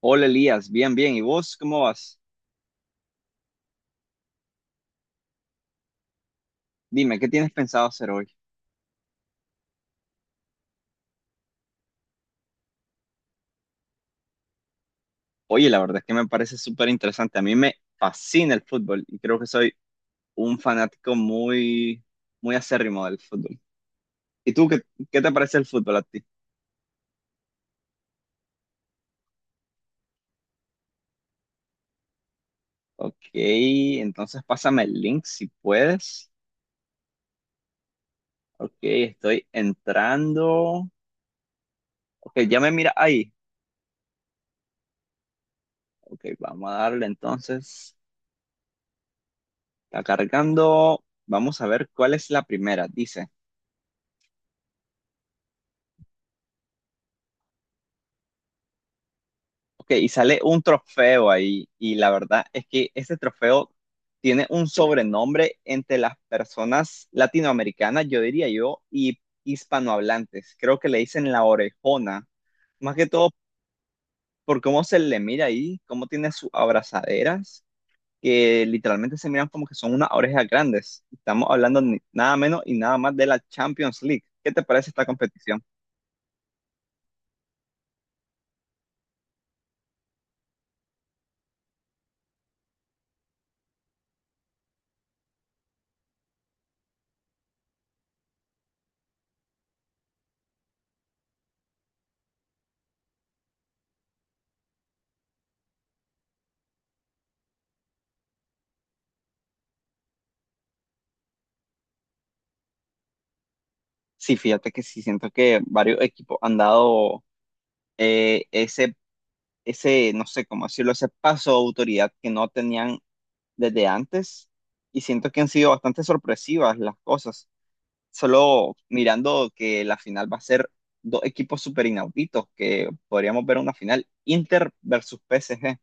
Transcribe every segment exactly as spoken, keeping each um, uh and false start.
Hola Elías, bien, bien. ¿Y vos cómo vas? Dime, ¿qué tienes pensado hacer hoy? Oye, la verdad es que me parece súper interesante. A mí me fascina el fútbol y creo que soy un fanático muy, muy acérrimo del fútbol. ¿Y tú qué, qué te parece el fútbol a ti? Ok, entonces pásame el link si puedes. Ok, estoy entrando. Ok, ya me mira ahí. Ok, vamos a darle entonces. Está cargando. Vamos a ver cuál es la primera. Dice. Ok, y sale un trofeo ahí, y la verdad es que ese trofeo tiene un sobrenombre entre las personas latinoamericanas, yo diría yo, y hispanohablantes. Creo que le dicen la orejona, más que todo por cómo se le mira ahí, cómo tiene sus abrazaderas, que literalmente se miran como que son unas orejas grandes. Estamos hablando ni- nada menos y nada más de la Champions League. ¿Qué te parece esta competición? Sí, fíjate que sí, siento que varios equipos han dado eh, ese ese, no sé cómo decirlo, ese paso de autoridad que no tenían desde antes. Y siento que han sido bastante sorpresivas las cosas. Solo mirando que la final va a ser dos equipos súper inauditos, que podríamos ver una final Inter versus P S G.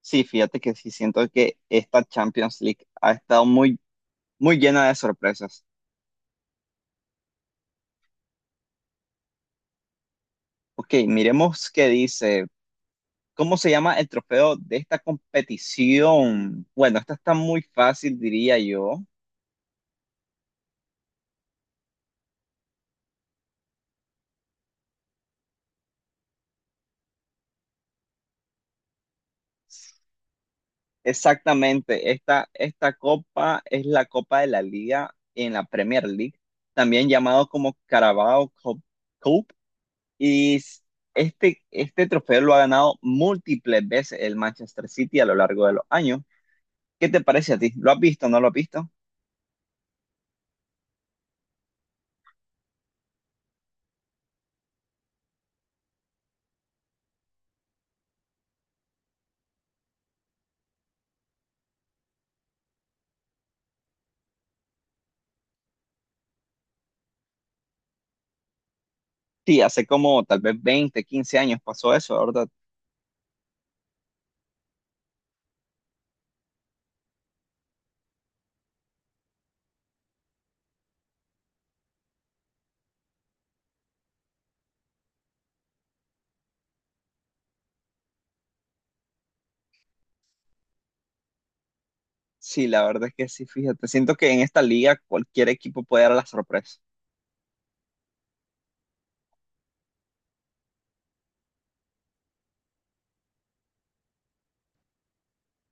Sí, fíjate que sí siento que esta Champions League ha estado muy, muy llena de sorpresas. Ok, miremos qué dice. ¿Cómo se llama el trofeo de esta competición? Bueno, esta está muy fácil, diría yo. Exactamente, esta, esta copa es la Copa de la Liga en la Premier League, también llamado como Carabao Cup, Cup, y s- este, este trofeo lo ha ganado múltiples veces el Manchester City a lo largo de los años. ¿Qué te parece a ti? ¿Lo has visto o no lo has visto? Sí, hace como tal vez veinte quince años pasó eso, ¿verdad? Sí, la verdad es que sí, fíjate, siento que en esta liga cualquier equipo puede dar la sorpresa.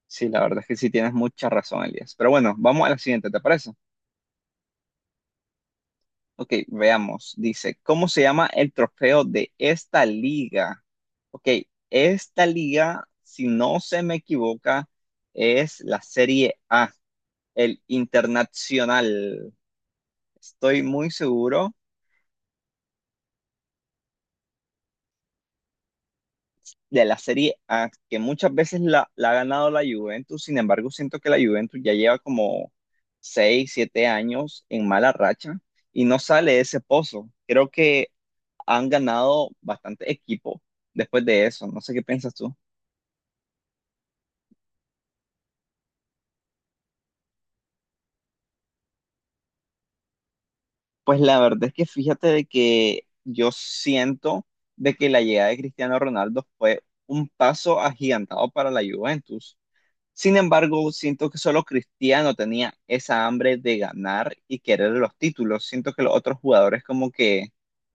Sí, la verdad es que sí tienes mucha razón, Elías. Pero bueno, vamos a la siguiente, ¿te parece? Ok, veamos. Dice, ¿cómo se llama el trofeo de esta liga? Ok, esta liga, si no se me equivoca, es la Serie A, el Internacional. Estoy muy seguro de la Serie A, que muchas veces la, la ha ganado la Juventus. Sin embargo, siento que la Juventus ya lleva como seis, siete años en mala racha y no sale de ese pozo. Creo que han ganado bastante equipo después de eso. No sé qué piensas tú. Pues la verdad es que fíjate de que yo siento de que la llegada de Cristiano Ronaldo fue un paso agigantado para la Juventus. Sin embargo, siento que solo Cristiano tenía esa hambre de ganar y querer los títulos. Siento que los otros jugadores como que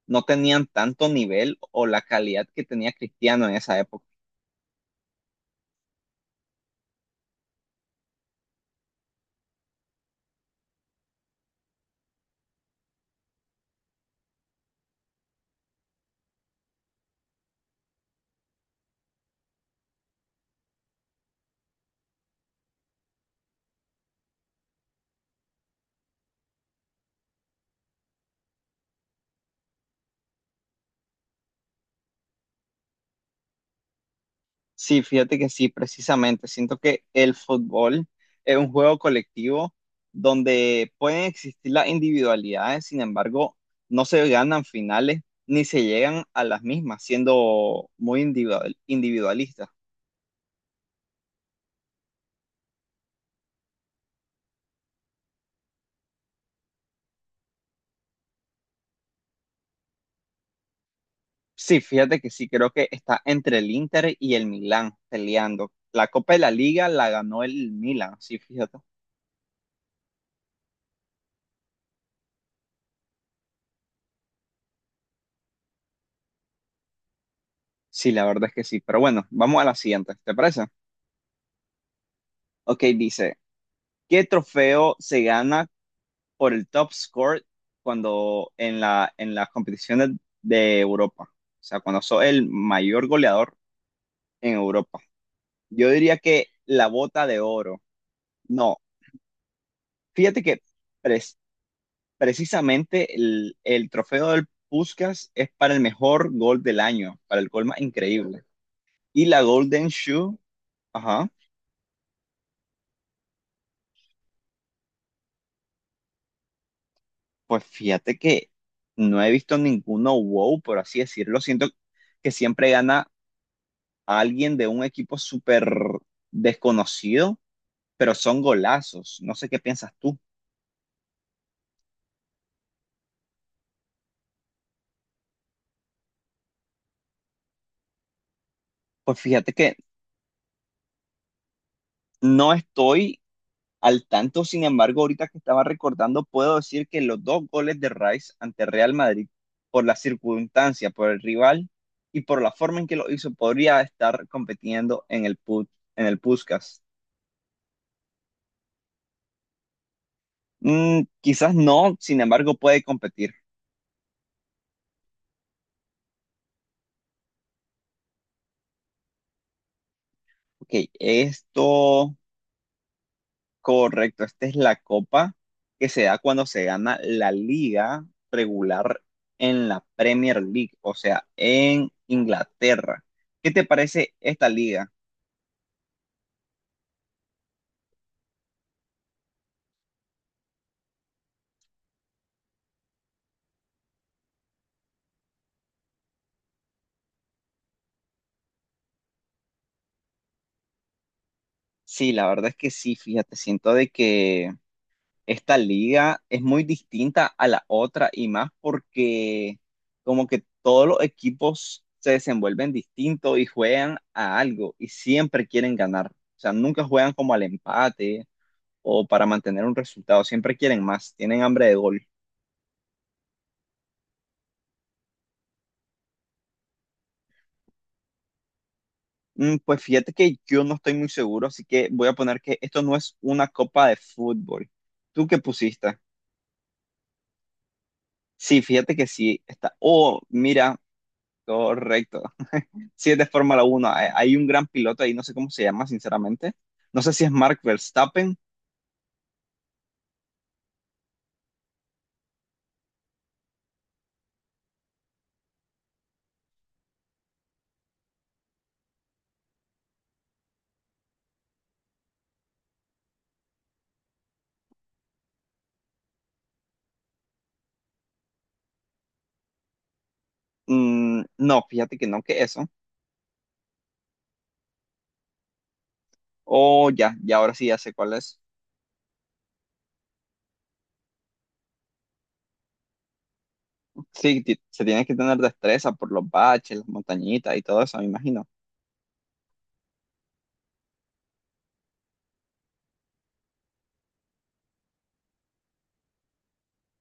no tenían tanto nivel o la calidad que tenía Cristiano en esa época. Sí, fíjate que sí, precisamente. Siento que el fútbol es un juego colectivo donde pueden existir las individualidades, sin embargo, no se ganan finales ni se llegan a las mismas, siendo muy individual, individualista. Sí, fíjate que sí, creo que está entre el Inter y el Milán peleando. La Copa de la Liga la ganó el Milán, sí, fíjate. Sí, la verdad es que sí, pero bueno, vamos a la siguiente, ¿te parece? Ok, dice, ¿qué trofeo se gana por el top score cuando en la, en las competiciones de Europa? O sea, cuando sos el mayor goleador en Europa. Yo diría que la bota de oro. No, fíjate que pres- precisamente el, el trofeo del Puskás es para el mejor gol del año, para el gol más increíble. Y la Golden Shoe, ajá, pues fíjate que no he visto ninguno wow, por así decirlo. Siento que siempre gana a alguien de un equipo súper desconocido, pero son golazos. No sé qué piensas tú. Pues fíjate que no estoy al tanto, sin embargo, ahorita que estaba recordando, puedo decir que los dos goles de Rice ante Real Madrid, por la circunstancia, por el rival y por la forma en que lo hizo, podría estar compitiendo en el, Put- en el Puskás. Mm, quizás no, sin embargo, puede competir. Ok, esto correcto, esta es la copa que se da cuando se gana la liga regular en la Premier League, o sea, en Inglaterra. ¿Qué te parece esta liga? Sí, la verdad es que sí, fíjate, siento de que esta liga es muy distinta a la otra y más porque como que todos los equipos se desenvuelven distinto y juegan a algo y siempre quieren ganar. O sea, nunca juegan como al empate o para mantener un resultado. Siempre quieren más, tienen hambre de gol. Mm, pues fíjate que yo no estoy muy seguro, así que voy a poner que esto no es una copa de fútbol. ¿Tú qué pusiste? Sí, fíjate que sí, está. Oh, mira, correcto. Sí, es de Fórmula uno. Hay, hay un gran piloto ahí, no sé cómo se llama, sinceramente. No sé si es Mark Verstappen. Mm, no, fíjate que no, que eso. Oh, ya, ya ahora sí ya sé cuál es. Sí, ti- se tiene que tener destreza por los baches, las montañitas y todo eso, me imagino.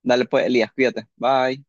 Dale pues, Elías, cuídate. Bye.